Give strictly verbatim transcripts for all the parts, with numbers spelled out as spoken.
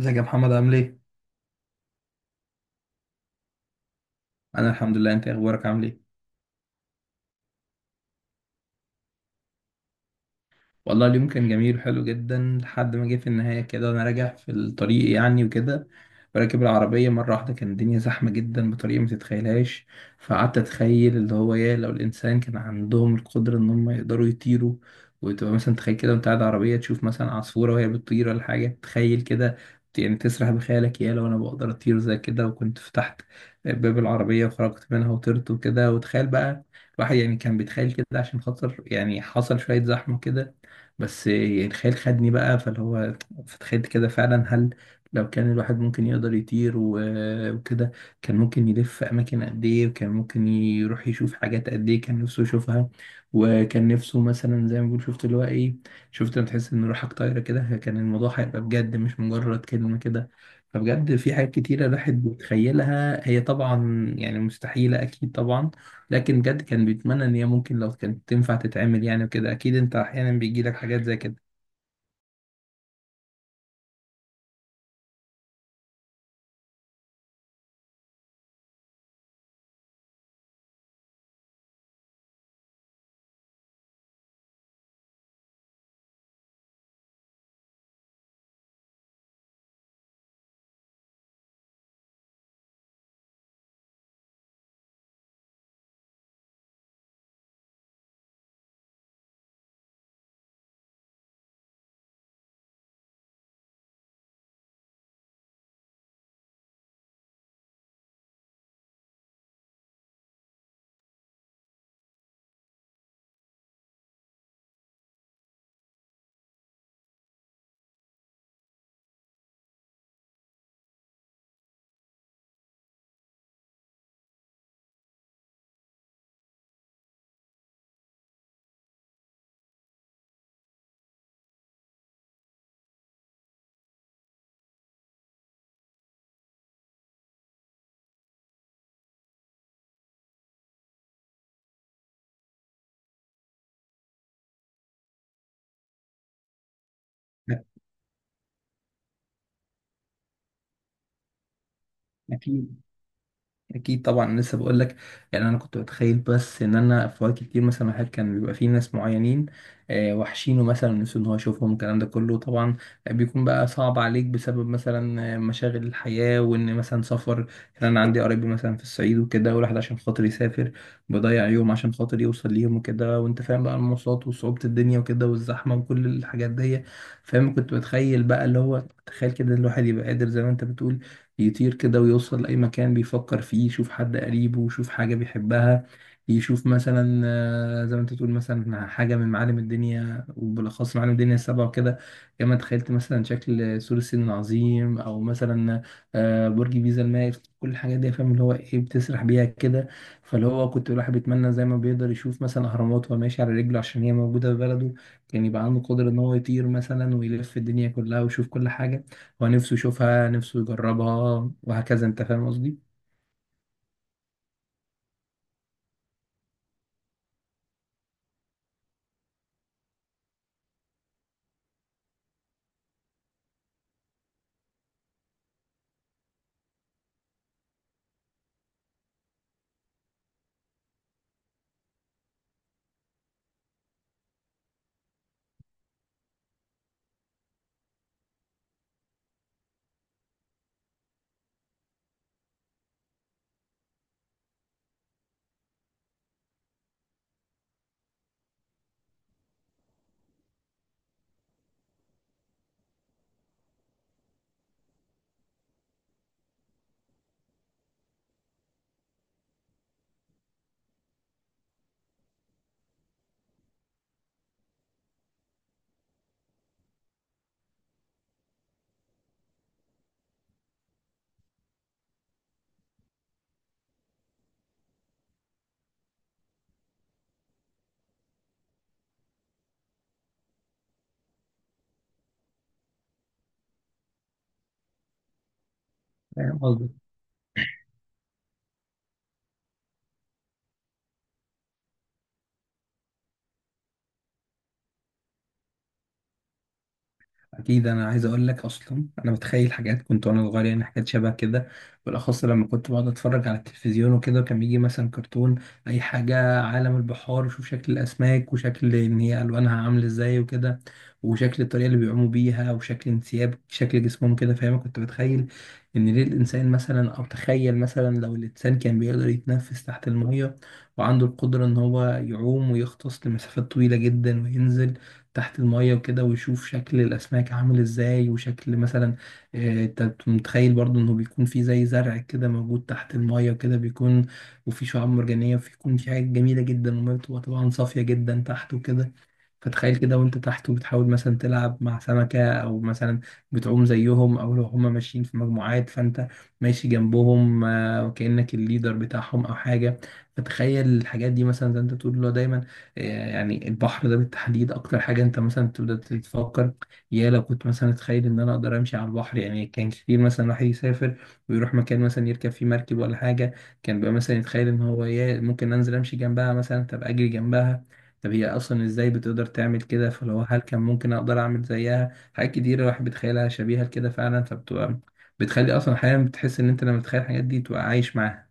ازيك يا محمد؟ عامل ايه؟ انا الحمد لله. انت ايه اخبارك؟ عامل ايه؟ والله اليوم كان جميل وحلو جدا، لحد ما جه في النهاية كده وأنا راجع في الطريق يعني وكده. راكب العربية، مرة واحدة كان الدنيا زحمة جدا بطريقة ما تتخيلهاش. فقعدت أتخيل اللي هو إيه، لو الإنسان كان عندهم القدرة إن هم يقدروا يطيروا. وتبقى مثلا تخيل كده، وأنت قاعد عربية تشوف مثلا عصفورة وهي بتطير ولا حاجة، تخيل كده. يعني تسرح بخيالك، يا لو أنا بقدر أطير زي كده، وكنت فتحت باب العربية وخرجت منها وطرت وكده، وتخيل بقى. الواحد يعني كان بيتخيل كده، عشان خاطر يعني حصل شوية زحمة كده. بس يعني الخيال خدني بقى، فاللي هو فتخيلت كده فعلا، هل لو كان الواحد ممكن يقدر يطير و- وكده، كان ممكن يلف أماكن قد إيه، وكان ممكن يروح يشوف حاجات قد إيه كان نفسه يشوفها. وكان نفسه مثلا زي ما بنقول، شفت اللي هو إيه، شفت لما تحس إن روحك طايرة كده، كان الموضوع هيبقى بجد مش مجرد كلمة كده. فبجد في حاجات كتيرة الواحد بيتخيلها، هي طبعا يعني مستحيلة أكيد طبعا، لكن بجد كان بيتمنى ان هي ممكن لو كانت تنفع تتعمل يعني وكده. اكيد انت احيانا بيجي لك حاجات زي كده. أكيد. اكيد طبعا، أنا لسه بقول لك. يعني انا كنت بتخيل، بس ان انا في وقت كتير مثلا، واحد كان بيبقى فيه ناس معينين، آه، وحشينه مثلا، نفسه ان هو يشوفهم. الكلام ده كله طبعا بيكون بقى صعب عليك بسبب مثلا آه، مشاغل الحياه، وان مثلا سفر. يعني انا عندي قرايبي مثلا في الصعيد وكده، والواحد عشان خاطر يسافر بيضيع يوم عشان خاطر يوصل ليهم وكده. وانت فاهم بقى المواصلات وصعوبه الدنيا وكده والزحمه وكل الحاجات دي، فاهم. كنت بتخيل بقى اللي هو، تخيل كده الواحد يبقى قادر زي ما انت بتقول يطير كده ويوصل لأي مكان بيفكر فيه، يشوف حد قريبه، يشوف حاجة بيحبها، يشوف مثلا آه، زي ما انت تقول مثلا، حاجة من معالم الدنيا وبالأخص معالم الدنيا السبعة وكده. كما تخيلت مثلا شكل سور الصين العظيم، أو مثلا آه، برج بيزا المائل، كل الحاجات دي، فاهم اللي هو ايه، بتسرح بيها كده. فاللي هو كنت الواحد بيتمنى، زي ما بيقدر يشوف مثلا أهرامات وهو ماشي على رجله عشان هي موجودة في بلده، كان يبقى عنده قدرة إن هو يطير مثلا ويلف الدنيا كلها ويشوف كل حاجة هو نفسه يشوفها، نفسه يجربها وهكذا. انت فاهم قصدي؟ فاهم قصدي. اكيد انا عايز اقول لك، اصلا انا بتخيل حاجات كنت وانا صغير، يعني حاجات شبه كده، بالاخص لما كنت بقعد اتفرج على التلفزيون وكده، وكان بيجي مثلا كرتون اي حاجه عالم البحار، وشوف شكل الاسماك وشكل ان هي الوانها عامله ازاي وكده، وشكل الطريقه اللي بيعوموا بيها وشكل انسياب شكل جسمهم كده، فاهم. كنت بتخيل ان ليه الانسان مثلا، او تخيل مثلا لو الانسان كان بيقدر يتنفس تحت الميه، وعنده القدره ان هو يعوم ويغطس لمسافات طويله جدا، وينزل تحت المية وكده، ويشوف شكل الأسماك عامل إزاي، وشكل مثلا آه، أنت متخيل برضو إنه بيكون في زي زرع كده موجود تحت المية وكده بيكون، وفي شعاب مرجانية، وفي يكون في حاجات جميلة جدا، والمية بتبقى طبعا صافية جدا تحت وكده. فتخيل كده وانت تحت وبتحاول مثلا تلعب مع سمكة، او مثلا بتعوم زيهم، او لو هما ماشيين في مجموعات فانت ماشي جنبهم، آه، وكأنك الليدر بتاعهم او حاجة. فتخيل الحاجات دي، مثلا زي انت بتقول له دايما، آه، يعني البحر ده بالتحديد اكتر حاجة انت مثلا تبدأ تتفكر، يا لو كنت مثلا اتخيل ان انا اقدر امشي على البحر. يعني كان كتير مثلا الواحد يسافر ويروح مكان مثلا يركب فيه مركب ولا حاجة، كان بقى مثلا يتخيل ان هو، يا ممكن انزل امشي جنبها مثلا، تبقى اجري جنبها. طب هي اصلا ازاي بتقدر تعمل كده؟ فلو هل كان ممكن اقدر اعمل زيها؟ حاجات كتيره الواحد بيتخيلها شبيهه لكده فعلا، فبتبقى بتخلي اصلا احيانا بتحس ان انت لما بتتخيل الحاجات دي تبقى عايش معاها.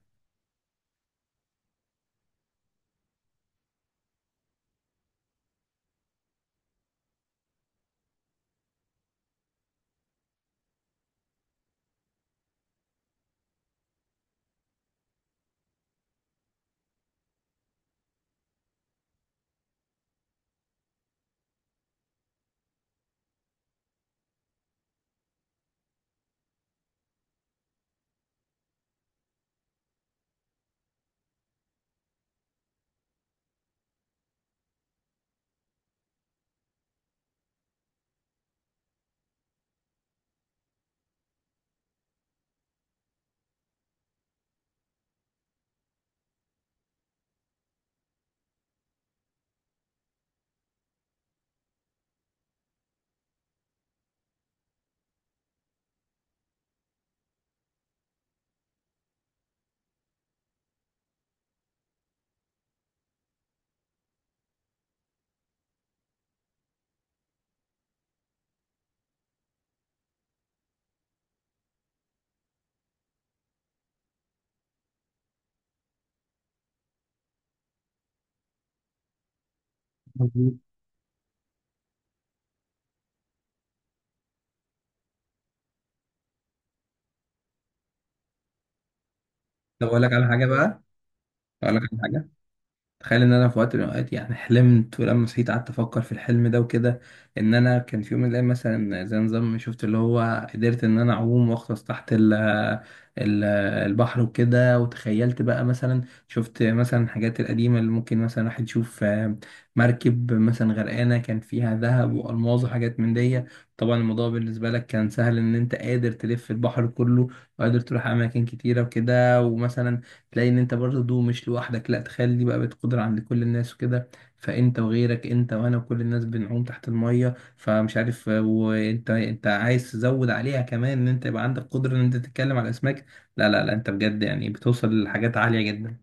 مظبوط. طب اقول لك على حاجه بقى، اقول لك على حاجه. تخيل ان انا في وقت من الاوقات يعني حلمت، ولما صحيت قعدت افكر في الحلم ده وكده، ان انا كان في يوم من الايام مثلا زي نظام، شفت اللي هو قدرت ان انا اعوم واغطس تحت ال ال البحر وكده. وتخيلت بقى مثلا شفت مثلا الحاجات القديمه اللي ممكن مثلا واحد يشوف، آه، مركب مثلا غرقانه كان فيها ذهب والماظ وحاجات من دي. طبعا الموضوع بالنسبه لك كان سهل، ان انت قادر تلف البحر كله، وقادر تروح اماكن كتيره وكده. ومثلا تلاقي ان انت برضه مش لوحدك، لا تخيل دي بقى بقت قدرة عند كل الناس وكده. فانت وغيرك، انت وانا وكل الناس بنعوم تحت المية. فمش عارف، آه، وانت انت عايز تزود عليها كمان ان انت يبقى عندك قدرة ان انت تتكلم على الاسماك. لا لا لا، انت بجد يعني بتوصل لحاجات عالية جدا.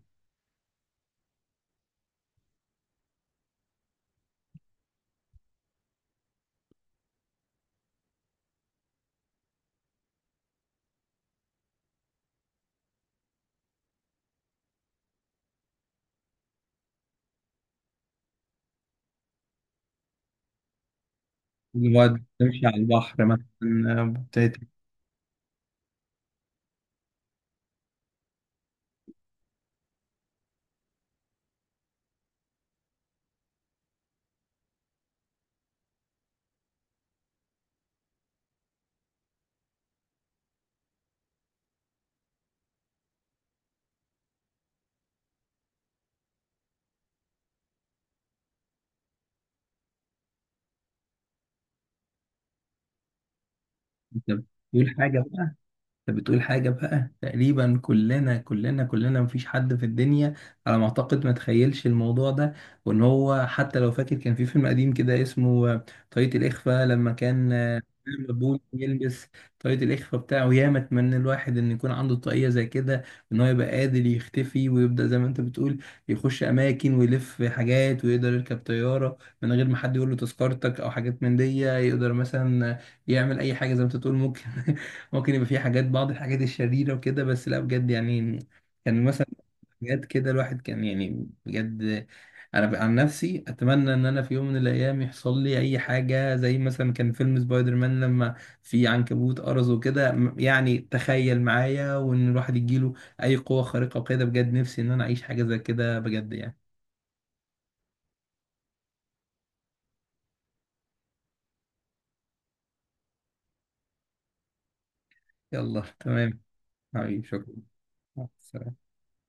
وقت تمشي على البحر مثلا، آه، بت- بت- بتقول حاجة بقى. انت بتقول حاجة بقى، تقريبا كلنا كلنا كلنا، مفيش حد في الدنيا على ما اعتقد ما تخيلش الموضوع ده. وان هو حتى لو فاكر، كان في فيلم قديم كده اسمه آه، طريقة الإخفاء، لما كان آه، مبول يلبس طاقية الإخفاء بتاعه. ياما اتمنى الواحد إن يكون عنده طاقية زي كده، إن هو يبقى قادر يختفي، ويبدأ زي ما أنت بتقول يخش أماكن ويلف حاجات، ويقدر يركب طيارة من غير ما حد يقول له تذكرتك أو حاجات من دي، يقدر مثلا يعمل أي حاجة زي ما أنت تقول. ممكن ممكن يبقى في حاجات، بعض الحاجات الشريرة وكده، بس لا بجد يعني كان مثلا حاجات كده، الواحد كان يعني بجد. انا ب- عن نفسي اتمنى ان انا في يوم من الايام يحصل لي اي حاجة زي مثلا، كان فيلم سبايدر مان لما في عنكبوت قرص وكده، م- يعني تخيل معايا، وان الواحد يجيله اي قوة خارقة وكده. بجد نفسي ان انا اعيش حاجة زي كده، بجد يعني. يلا تمام. حبيبي شكرا، مع السلامة.